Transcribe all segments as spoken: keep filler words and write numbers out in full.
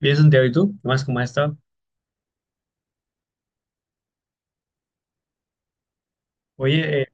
Bien, Santiago, ¿y tú? ¿Qué más? ¿Cómo has estado? Oye, eh,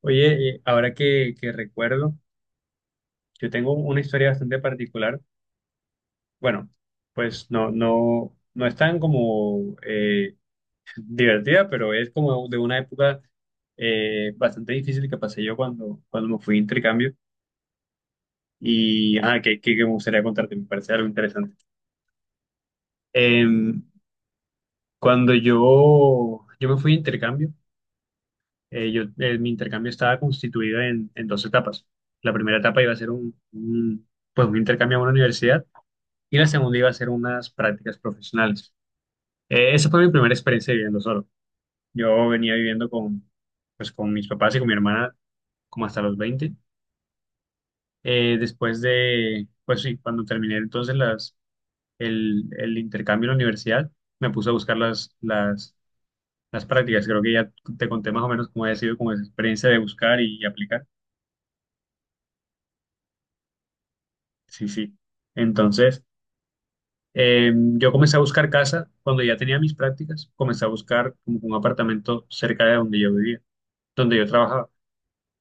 oye, eh, ahora que, que recuerdo, yo tengo una historia bastante particular. Bueno, pues no, no, no es tan como eh, divertida, pero es como de una época eh, bastante difícil que pasé yo cuando, cuando me fui de intercambio y ajá, que, que, que me gustaría contarte, me parece algo interesante. Em, cuando yo, yo me fui de intercambio, eh, yo, eh, mi intercambio estaba constituido en, en dos etapas. La primera etapa iba a ser un, un, pues un intercambio a una universidad y la segunda iba a ser unas prácticas profesionales. Eh, esa fue mi primera experiencia viviendo solo. Yo venía viviendo con, pues, con mis papás y con mi hermana como hasta los veinte. Eh, después de, pues sí, cuando terminé entonces las, el, el intercambio en la universidad, me puse a buscar las, las, las prácticas. Creo que ya te conté más o menos cómo había sido como esa experiencia de buscar y aplicar. Sí, sí. Entonces, eh, yo comencé a buscar casa cuando ya tenía mis prácticas, comencé a buscar como un apartamento cerca de donde yo vivía, donde yo trabajaba.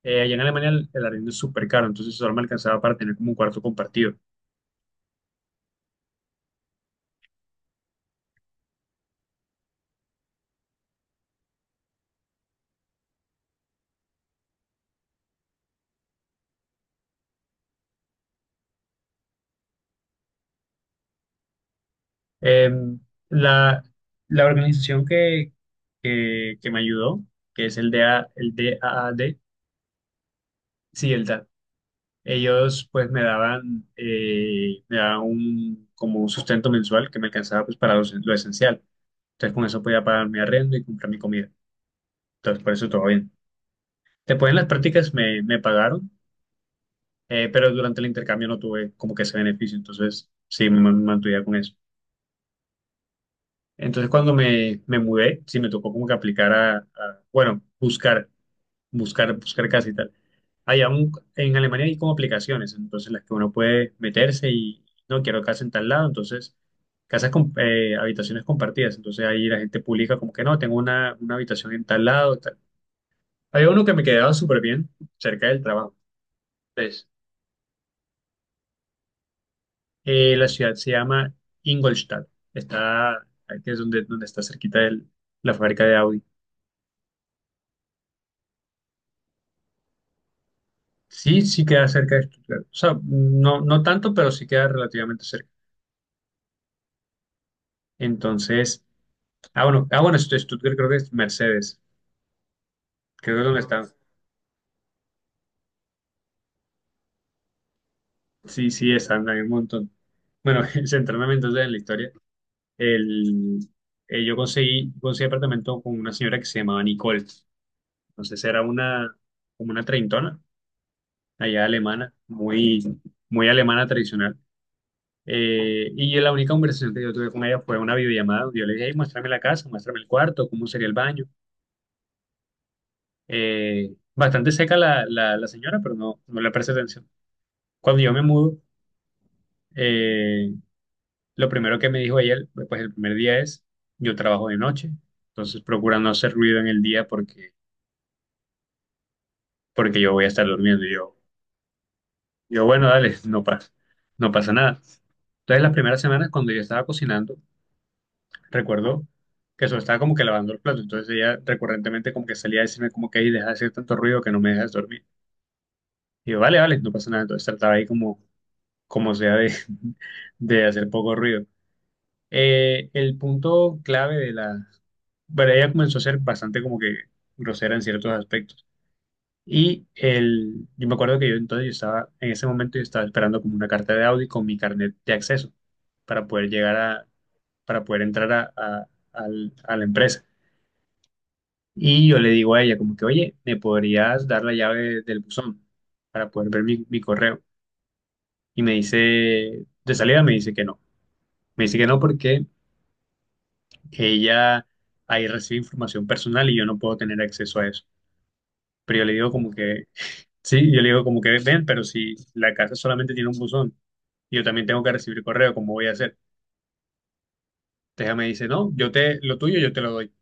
Eh, allá en Alemania el, el arriendo es súper caro, entonces solo me alcanzaba para tener como un cuarto compartido. Eh, la, la organización que, que, que me ayudó, que es el D A el D A A D. sí, el Ellos pues me daban, eh, me daban un, como un sustento mensual que me alcanzaba pues para lo, lo esencial. Entonces con eso podía pagar mi arriendo y comprar mi comida. Entonces por eso todo bien. Después en las prácticas me, me pagaron, eh, pero durante el intercambio no tuve como que ese beneficio. Entonces sí, me man- mantuve con eso. Entonces cuando me, me mudé, sí me tocó como que aplicar a, a, bueno, buscar, buscar, buscar casa y tal. Hay aún, en Alemania hay como aplicaciones, entonces las que uno puede meterse y no quiero casa en tal lado, entonces casas con eh, habitaciones compartidas, entonces ahí la gente publica como que no, tengo una, una habitación en tal lado, tal. Había uno que me quedaba súper bien cerca del trabajo. Entonces, eh, la ciudad se llama Ingolstadt, está, que es donde, donde está cerquita de la fábrica de Audi. Sí, sí queda cerca de Stuttgart, o sea, no, no tanto, pero sí queda relativamente cerca. Entonces... Ah, bueno, ah, bueno, Stu- Stuttgart creo que es Mercedes. Creo que es donde están. Sí, sí, están, hay un montón. Bueno, centrándome entonces en la historia, el, eh, yo conseguí, conseguí apartamento con una señora que se llamaba Nicole. Entonces era una, como una treintona, allá alemana, muy, muy alemana tradicional. Eh, y la única conversación que yo tuve con ella fue una videollamada. Yo le dije: "Ey, muéstrame la casa, muéstrame el cuarto, cómo sería el baño". Eh, bastante seca la, la, la señora, pero no, no le presté atención. Cuando yo me mudo, eh, lo primero que me dijo ella, pues el primer día, es: yo trabajo de noche, entonces procura no hacer ruido en el día porque, porque yo voy a estar durmiendo. Y yo, yo, bueno, dale, no pasa, no pasa nada. Entonces las primeras semanas cuando yo estaba cocinando, recuerdo que solo estaba como que lavando el plato, entonces ella recurrentemente como que salía a decirme como que: "Ahí deja de hacer tanto ruido, que no me dejas dormir". Y yo, vale, vale, no pasa nada. Entonces trataba ahí como, como sea de, de hacer poco ruido. Eh, el punto clave de la... Bueno, ella comenzó a ser bastante como que grosera en ciertos aspectos. Y el, yo me acuerdo que yo entonces yo estaba, en ese momento yo estaba esperando como una carta de Audi con mi carnet de acceso para poder llegar a, para poder entrar a, a, al- a la empresa. Y yo le digo a ella como que: "Oye, ¿me podrías dar la llave del buzón para poder ver mi, mi correo?". Y me dice, de salida me dice que no. Me dice que no porque ella ahí recibe información personal y yo no puedo tener acceso a eso. Pero yo le digo como que, sí, yo le digo como que ven, pero si la casa solamente tiene un buzón, yo también tengo que recibir correo, ¿cómo voy a hacer? Entonces ella me dice: no, yo te, lo tuyo yo te lo doy.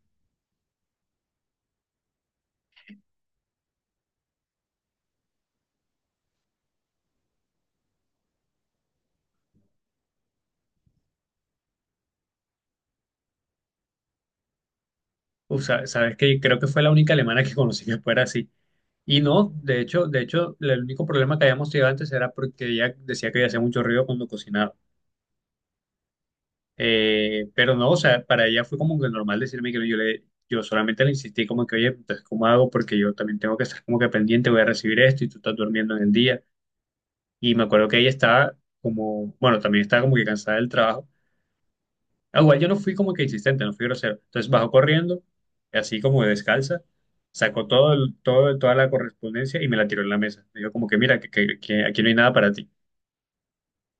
O sea, sabes que creo que fue la única alemana que conocí que fuera así. Y no, de hecho, de hecho, el único problema que habíamos tenido antes era porque ella decía que ella hacía mucho ruido cuando cocinaba. Eh, pero no, o sea, para ella fue como que normal decirme que no, yo le, yo solamente le insistí como que: "Oye, entonces, ¿cómo hago? Porque yo también tengo que estar como que pendiente, voy a recibir esto y tú estás durmiendo en el día". Y me acuerdo que ella estaba como, bueno, también estaba como que cansada del trabajo. Ah, igual yo no fui como que insistente, no fui grosero. Entonces bajó corriendo, así como descalza, sacó todo, el- todo, toda la correspondencia y me la tiró en la mesa. Me dijo como que: "Mira, que, que- que aquí no hay nada para ti".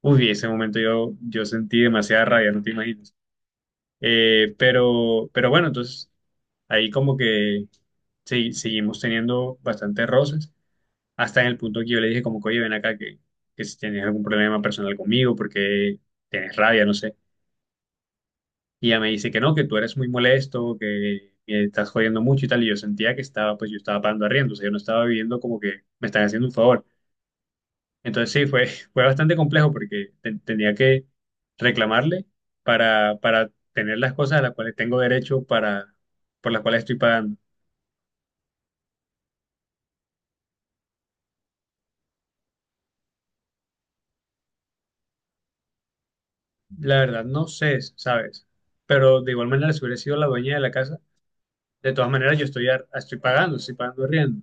Uy, ese momento yo, yo sentí demasiada rabia, no te imaginas. Eh, pero, pero bueno, entonces ahí como que se- seguimos teniendo bastantes roces, hasta en el punto que yo le dije como que: "Oye, ven acá, que, que si tienes algún problema personal conmigo, porque tienes rabia, no sé". Y ella me dice que no, que tú eres muy molesto, que me estás jodiendo mucho y tal, y yo sentía que estaba, pues yo estaba pagando arriendo, o sea, yo no estaba viviendo como que me están haciendo un favor. Entonces sí, fue, fue bastante complejo porque te- tenía que reclamarle para, para tener las cosas a las cuales tengo derecho para, por las cuales estoy pagando. La verdad, no sé, ¿sabes? Pero de igual manera, si hubiera sido la dueña de la casa, de todas maneras yo estoy, ar- estoy pagando, estoy pagando riendo.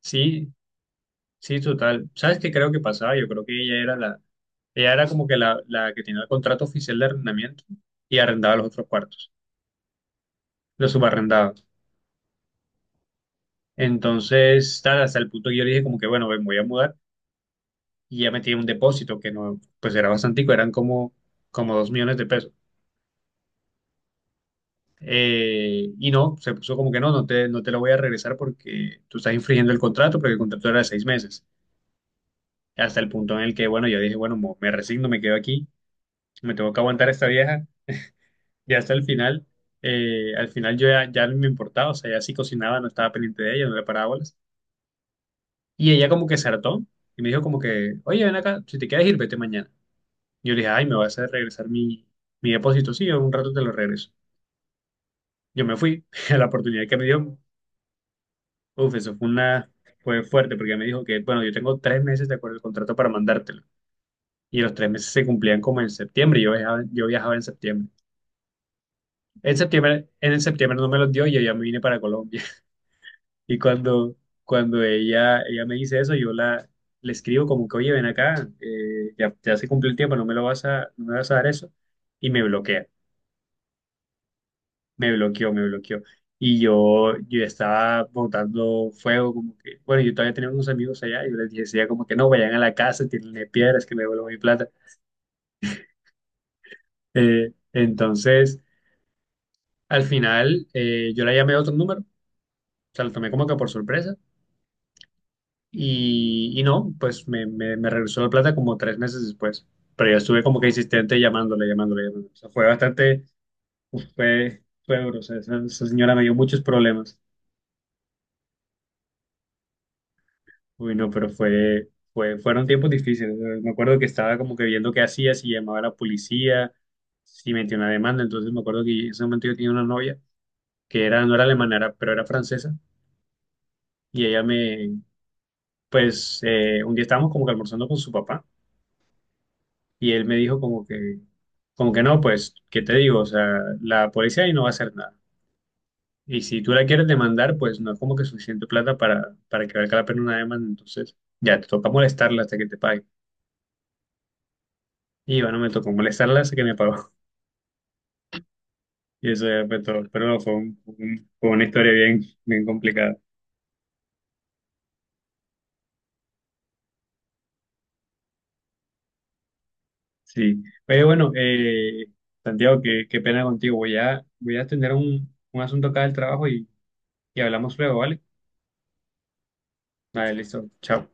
Sí, sí, total. ¿Sabes qué creo que pasaba? Yo creo que ella era la, ella era como que la, la que tenía el contrato oficial de arrendamiento y arrendaba los otros cuartos, los subarrendaba. Entonces, tal, hasta el punto que yo le dije como que: "Bueno, me voy a mudar", y ya metí un depósito que no, pues era bastante, eran como, como dos millones de pesos. Eh, y no, se puso como que no, no te, no te lo voy a regresar porque tú estás infringiendo el contrato, porque el contrato era de seis meses. Hasta el punto en el que, bueno, yo dije: "Bueno, mo- me resigno, me quedo aquí, me tengo que aguantar a esta vieja". Y hasta el final, eh, al final yo ya, ya no me importaba, o sea, ya sí cocinaba, no estaba pendiente de ella, no le paraba bolas. Y ella como que se hartó y me dijo como que: "Oye, ven acá, si te quieres ir, vete mañana". Yo le dije: "Ay, me vas a regresar mi, mi depósito". Sí, en un rato te lo regreso. Yo me fui. a La oportunidad que me dio, uf, eso fue una, fue fuerte, porque me dijo que, bueno, yo tengo tres meses de acuerdo al contrato para mandártelo. Y los tres meses se cumplían como en septiembre. y Yo viajaba, yo viajaba en septiembre. En septiembre, en el septiembre no me los dio y yo ya me vine para Colombia. Y cuando, cuando ella, ella me dice eso, yo la, le escribo como que: "Oye, ven acá, eh, ya, ya se cumplió el tiempo, no me lo vas a, no me vas a dar eso". Y me bloquea. Me bloqueó, me bloqueó. Y yo, yo estaba botando fuego, como que, bueno, yo todavía tenía unos amigos allá, y yo les decía como que no, vayan a la casa, tienen piedras, que me devuelvo mi plata. Eh, entonces, al final, eh, yo la llamé a otro número, o sea, lo tomé como que por sorpresa, y, y no, pues me, me, me regresó la plata como tres meses después. Pero yo estuve como que insistente llamándole, llamándole, llamándole. O sea, fue bastante, uf, fue, fue duro, o sea, esa esa señora me dio muchos problemas. Uy, no, pero fue, fue, fueron tiempos difíciles. Eh, Me acuerdo que estaba como que viendo qué hacía, si llamaba a la policía, si metía una demanda. Entonces me acuerdo que en ese momento yo tenía una novia que era, no era alemana, era- pero era francesa. Y ella me, pues, eh, un día estábamos como que almorzando con su papá y él me dijo como que, como que no, pues, "¿qué te digo? O sea, la policía ahí no va a hacer nada. Y si tú la quieres demandar, pues no es como que suficiente plata para, para que valga la pena una demanda. Entonces ya te toca molestarla hasta que te pague". Y bueno, me tocó molestarla hasta que me pagó. Y eso ya fue todo. Pero no, fue, un- un- fue una historia bien, bien complicada. Sí. Pero bueno, eh, Santiago, qué, qué pena contigo. Voy a, voy a atender un, un asunto acá del trabajo y, y hablamos luego, ¿vale? Vale, listo. Chao.